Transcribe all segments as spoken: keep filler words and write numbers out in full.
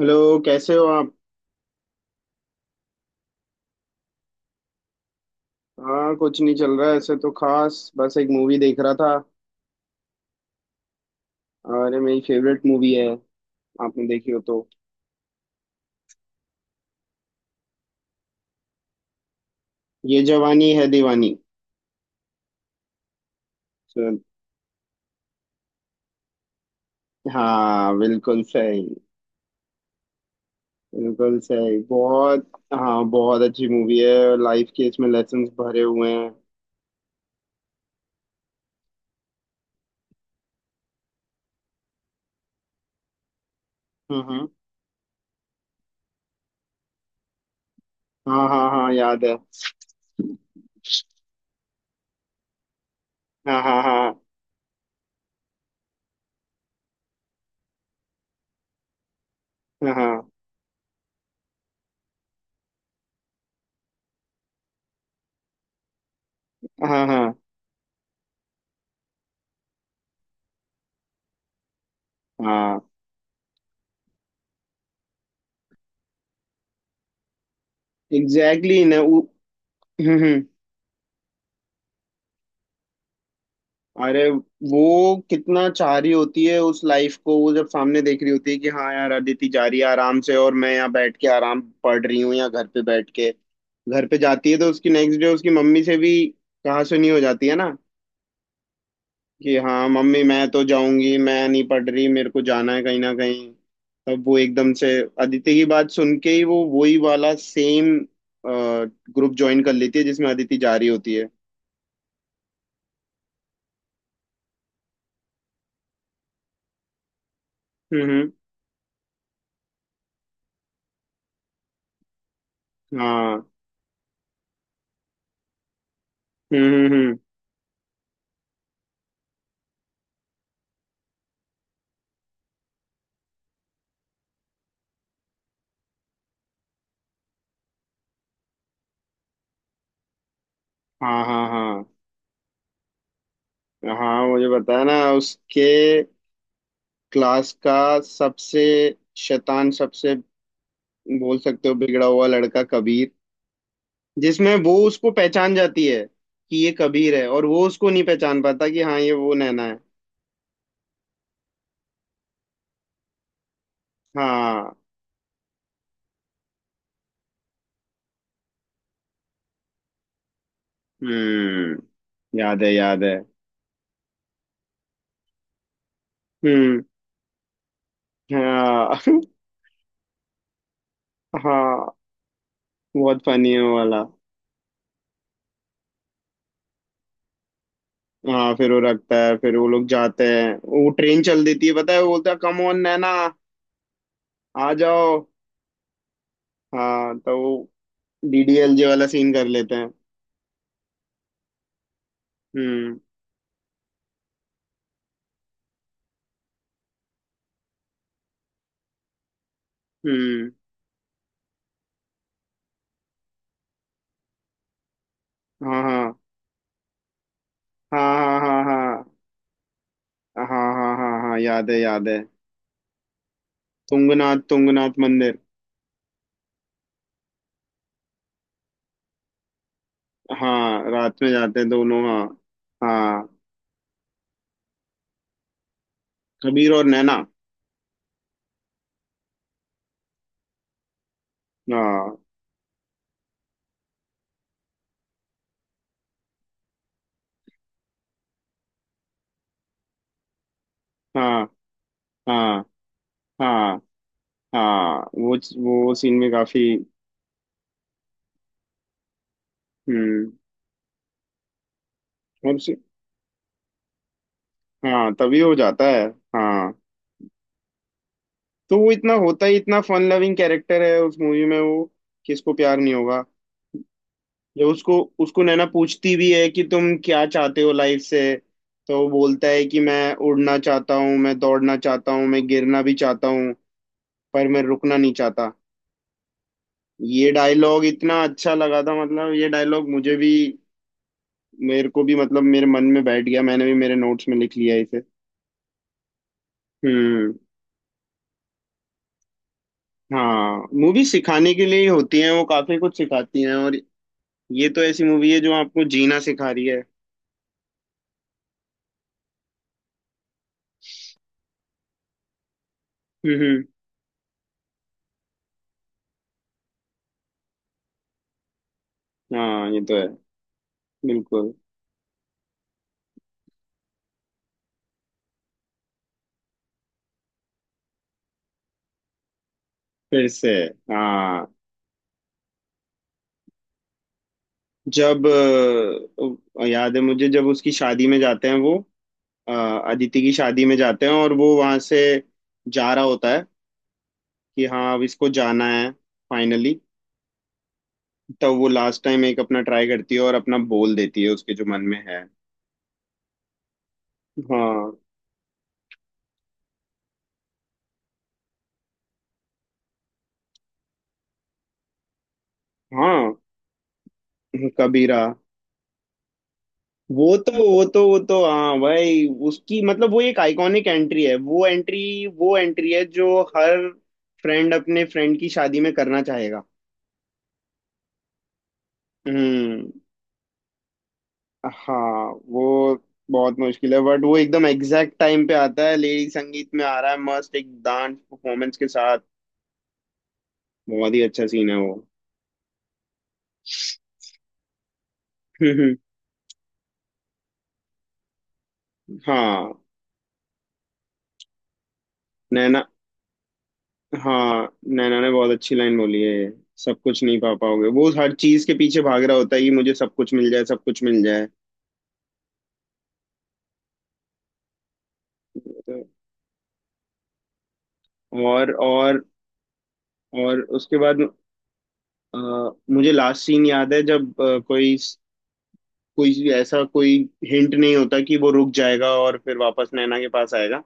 Hello, कैसे हो आप। हाँ, कुछ नहीं चल रहा है ऐसे तो खास, बस एक मूवी देख रहा था। और ये मेरी फेवरेट मूवी है, आपने देखी हो तो। ये जवानी है दीवानी। So, हाँ बिल्कुल सही। बिल्कुल सही, बहुत। हाँ, बहुत अच्छी मूवी है। लाइफ के इसमें लेसन्स भरे हुए हैं। हम्म। हम्म। हाँ हाँ हाँ, याद है। हाँ हाँ हाँ हाँ हाँ हाँ हाँ हाँ, एग्जैक्टली ना। उ- हम्म। हम्म। अरे! वो कितना चाह रही होती है उस लाइफ को, वो जब सामने देख रही होती है कि हाँ यार, अदिति जा रही है आराम से और मैं यहाँ बैठ के आराम पढ़ रही हूँ या घर पे बैठ के। घर पे जाती है तो उसकी नेक्स्ट डे उसकी मम्मी से भी कहा सुनी हो जाती है ना। कि हाँ मम्मी, मैं तो जाऊंगी, मैं नहीं पढ़ रही, मेरे को जाना है कहीं ना कहीं। तब वो एकदम से अदिति की बात सुन के ही वो वही वाला सेम ग्रुप ज्वाइन कर लेती है जिसमें अदिति जा रही होती है। हम्म। हम्म। हाँ। हम्म। हम्म। हम्म। हाँ हाँ हाँ। हाँ, मुझे बताया ना उसके क्लास का सबसे शैतान, सबसे, बोल सकते हो, बिगड़ा हुआ लड़का कबीर। जिसमें वो उसको पहचान जाती है कि ये कबीर है और वो उसको नहीं पहचान पाता कि हाँ ये वो नैना है। हाँ। हम्म। याद है, याद है। हम्म। हाँ हाँ। बहुत फनी है वो वाला। हाँ, फिर वो रखता है, फिर वो लोग जाते हैं, वो ट्रेन चल देती है। पता है वो बोलता है कम ऑन नैना, आ जाओ। हाँ, तो वो डी डी एल जे वाला सीन कर लेते हैं। हम्म। हम्म। हाँ हाँ हाँ हाँ हाँ हाँ हाँ हाँ हाँ हाँ हाँ, याद है, याद है। तुंगनाथ, तुंगनाथ मंदिर। हाँ, रात में जाते हैं दोनों, हाँ। हाँ, कबीर और नैना। हाँ हाँ हाँ हाँ हाँ। वो वो सीन में काफी। हम्म। और उसे- हाँ, तभी हो जाता है। हाँ। तो वो इतना होता ही इतना फन लविंग कैरेक्टर है उस मूवी में वो। किसको प्यार नहीं होगा। ये उसको उसको नैना पूछती भी है कि तुम क्या चाहते हो लाइफ से। तो वो बोलता है कि मैं उड़ना चाहता हूँ, मैं दौड़ना चाहता हूँ, मैं गिरना भी चाहता हूँ, पर मैं रुकना नहीं चाहता। ये डायलॉग इतना अच्छा लगा था, मतलब ये डायलॉग मुझे भी, मेरे को भी, मतलब मेरे मन में बैठ गया, मैंने भी मेरे नोट्स में लिख लिया इसे। हम्म। हाँ, मूवी सिखाने के लिए ही होती है, वो काफी कुछ सिखाती हैं, और ये तो ऐसी मूवी है जो आपको जीना सिखा रही है। हम्म। हम्म, हाँ ये तो है। बिल्कुल। फिर से। हाँ। जब अ, याद है मुझे जब उसकी शादी में जाते हैं वो, अ, अदिति की शादी में जाते हैं और वो वहां से जा रहा होता है कि हाँ, अब इसको जाना है, फाइनली। तब वो लास्ट टाइम एक अपना ट्राई करती है और अपना बोल देती है उसके जो मन में है। हाँ। हाँ। कबीरा। वो तो वो तो वो तो हाँ भाई, उसकी मतलब वो एक आइकॉनिक एंट्री है, वो एंट्री, वो एंट्री है जो हर फ्रेंड अपने फ्रेंड की शादी में करना चाहेगा। हम्म। हाँ वो। बहुत मुश्किल है, बट वो एकदम एग्जैक्ट टाइम पे आता है, लेडी संगीत में आ रहा है मस्त एक डांस परफॉर्मेंस के साथ। बहुत ही अच्छा सीन है वो। हाँ। नैना। हाँ, नैना ने बहुत अच्छी लाइन बोली है। सब कुछ नहीं पा पाओगे। वो हर चीज के पीछे भाग रहा होता है कि मुझे सब कुछ मिल जाए, सब कुछ मिल जाए। तो- और और और उसके बाद अ, मुझे लास्ट सीन याद है जब अ, कोई कोई ऐसा, कोई हिंट नहीं होता कि वो रुक जाएगा और फिर वापस नैना के पास आएगा।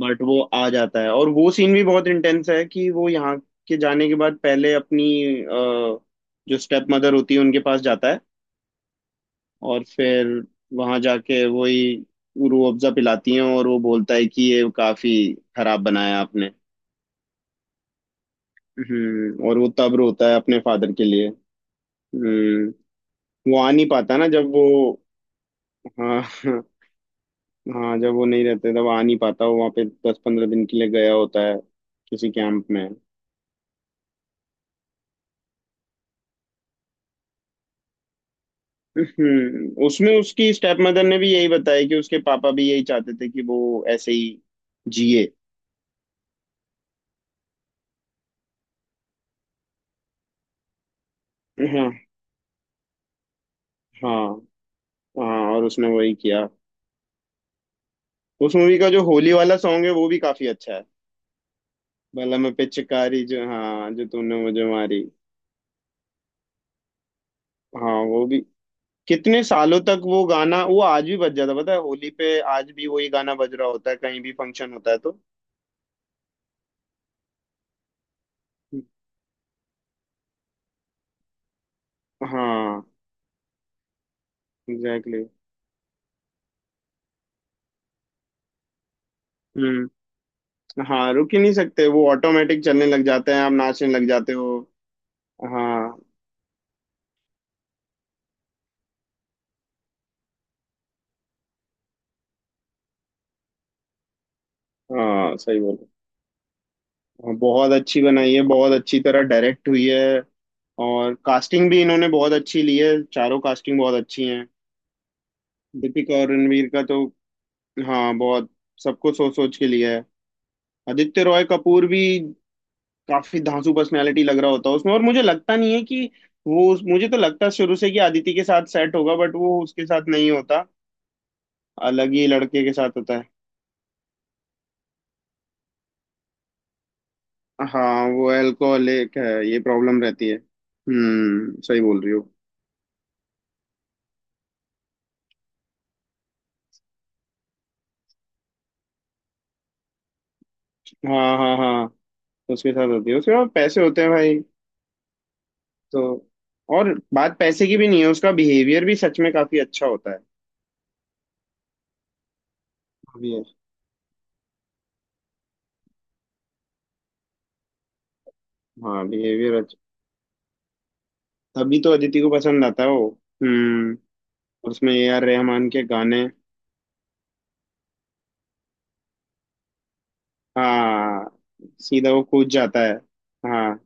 बट वो आ जाता है, और वो सीन भी बहुत इंटेंस है कि वो यहाँ के जाने के बाद पहले अपनी, अ, जो स्टेप मदर होती है उनके पास जाता है और फिर वहां जाके वही रूह अफ़ज़ा पिलाती हैं और वो बोलता है कि ये काफी खराब बनाया आपने। हम्म। और वो तब रोता है अपने फादर के लिए। हम्म। वो आ नहीं पाता ना जब वो। हाँ हाँ, जब वो नहीं रहते तब आ नहीं पाता वो वहाँ पे। दस पंद्रह दिन के लिए गया होता है किसी कैंप में। हम्म। उसमें उसकी स्टेप मदर ने भी यही बताया कि उसके पापा भी यही चाहते थे कि वो ऐसे ही जिए। हाँ। हाँ। हाँ, और उसने वही किया। उस मूवी का जो होली वाला सॉन्ग है, वो भी काफी अच्छा है। बलम पिचकारी, जो, हाँ जो तूने मुझे मारी। हाँ, वो भी। कितने सालों तक वो गाना, वो आज भी बज जाता है, पता है होली पे आज भी वही गाना बज रहा होता है कहीं भी फंक्शन होता है तो। हाँ। एग्जैक्टली। हम्म। हाँ, रुक ही नहीं सकते वो, ऑटोमेटिक चलने लग जाते हैं, आप नाचने लग जाते हो। हाँ। हाँ, सही बोलो। हाँ, बहुत अच्छी बनाई है, बहुत अच्छी तरह डायरेक्ट हुई है। और कास्टिंग भी इन्होंने बहुत अच्छी ली है, चारों कास्टिंग बहुत अच्छी हैं। दीपिका और रणवीर का तो हाँ बहुत। सबको सोच सोच के लिया है। आदित्य रॉय कपूर भी काफी धांसू पर्सनैलिटी लग रहा होता है उसमें, और मुझे लगता नहीं है कि वो, मुझे तो लगता शुरू से कि आदिति के साथ सेट होगा, बट वो उसके साथ नहीं होता, अलग ही लड़के के साथ होता है। हाँ, वो अल्कोहलिक है, ये प्रॉब्लम रहती है। हम्म, सही बोल रही हो। हाँ हाँ हाँ, तो उसके साथ होती है, उसके बाद पैसे होते हैं भाई। तो और बात पैसे की भी नहीं है, उसका बिहेवियर भी सच में काफी अच्छा होता है। बिहेवियर, हाँ बिहेवियर अच्छा। तभी तो अदिति को पसंद आता है वो। हम्म। उसमें ए आर रहमान के गाने। हाँ, सीधा वो कूद जाता है। हाँ,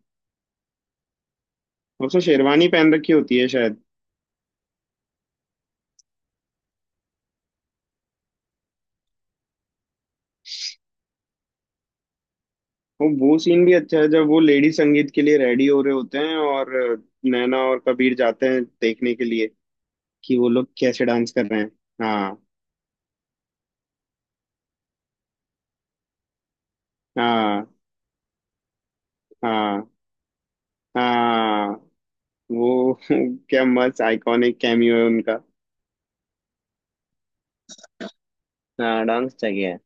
उसने शेरवानी पहन रखी होती है शायद। वो वो सीन भी अच्छा है जब वो लेडी संगीत के लिए रेडी हो रहे होते हैं और नैना और कबीर जाते हैं देखने के लिए कि वो लोग कैसे डांस कर रहे हैं। हाँ हाँ हाँ हाँ। वो क्या मस्त आइकॉनिक कैमियो है उनका। हाँ, डांस चाहिए।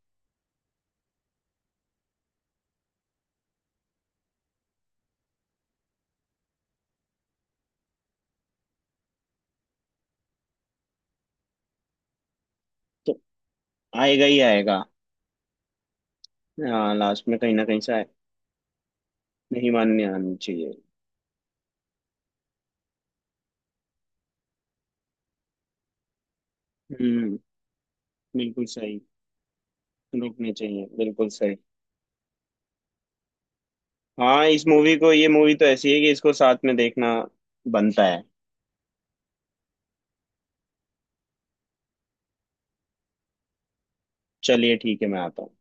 तो आएगा ही आएगा। हाँ, लास्ट में कहीं ना कहीं से आए। नहीं मानने आनी चाहिए। हम्म, बिल्कुल सही। रुकने चाहिए, बिल्कुल सही। हाँ, इस मूवी को, ये मूवी तो ऐसी है कि इसको साथ में देखना बनता है। चलिए, ठीक है, मैं आता हूँ।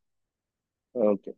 ओके।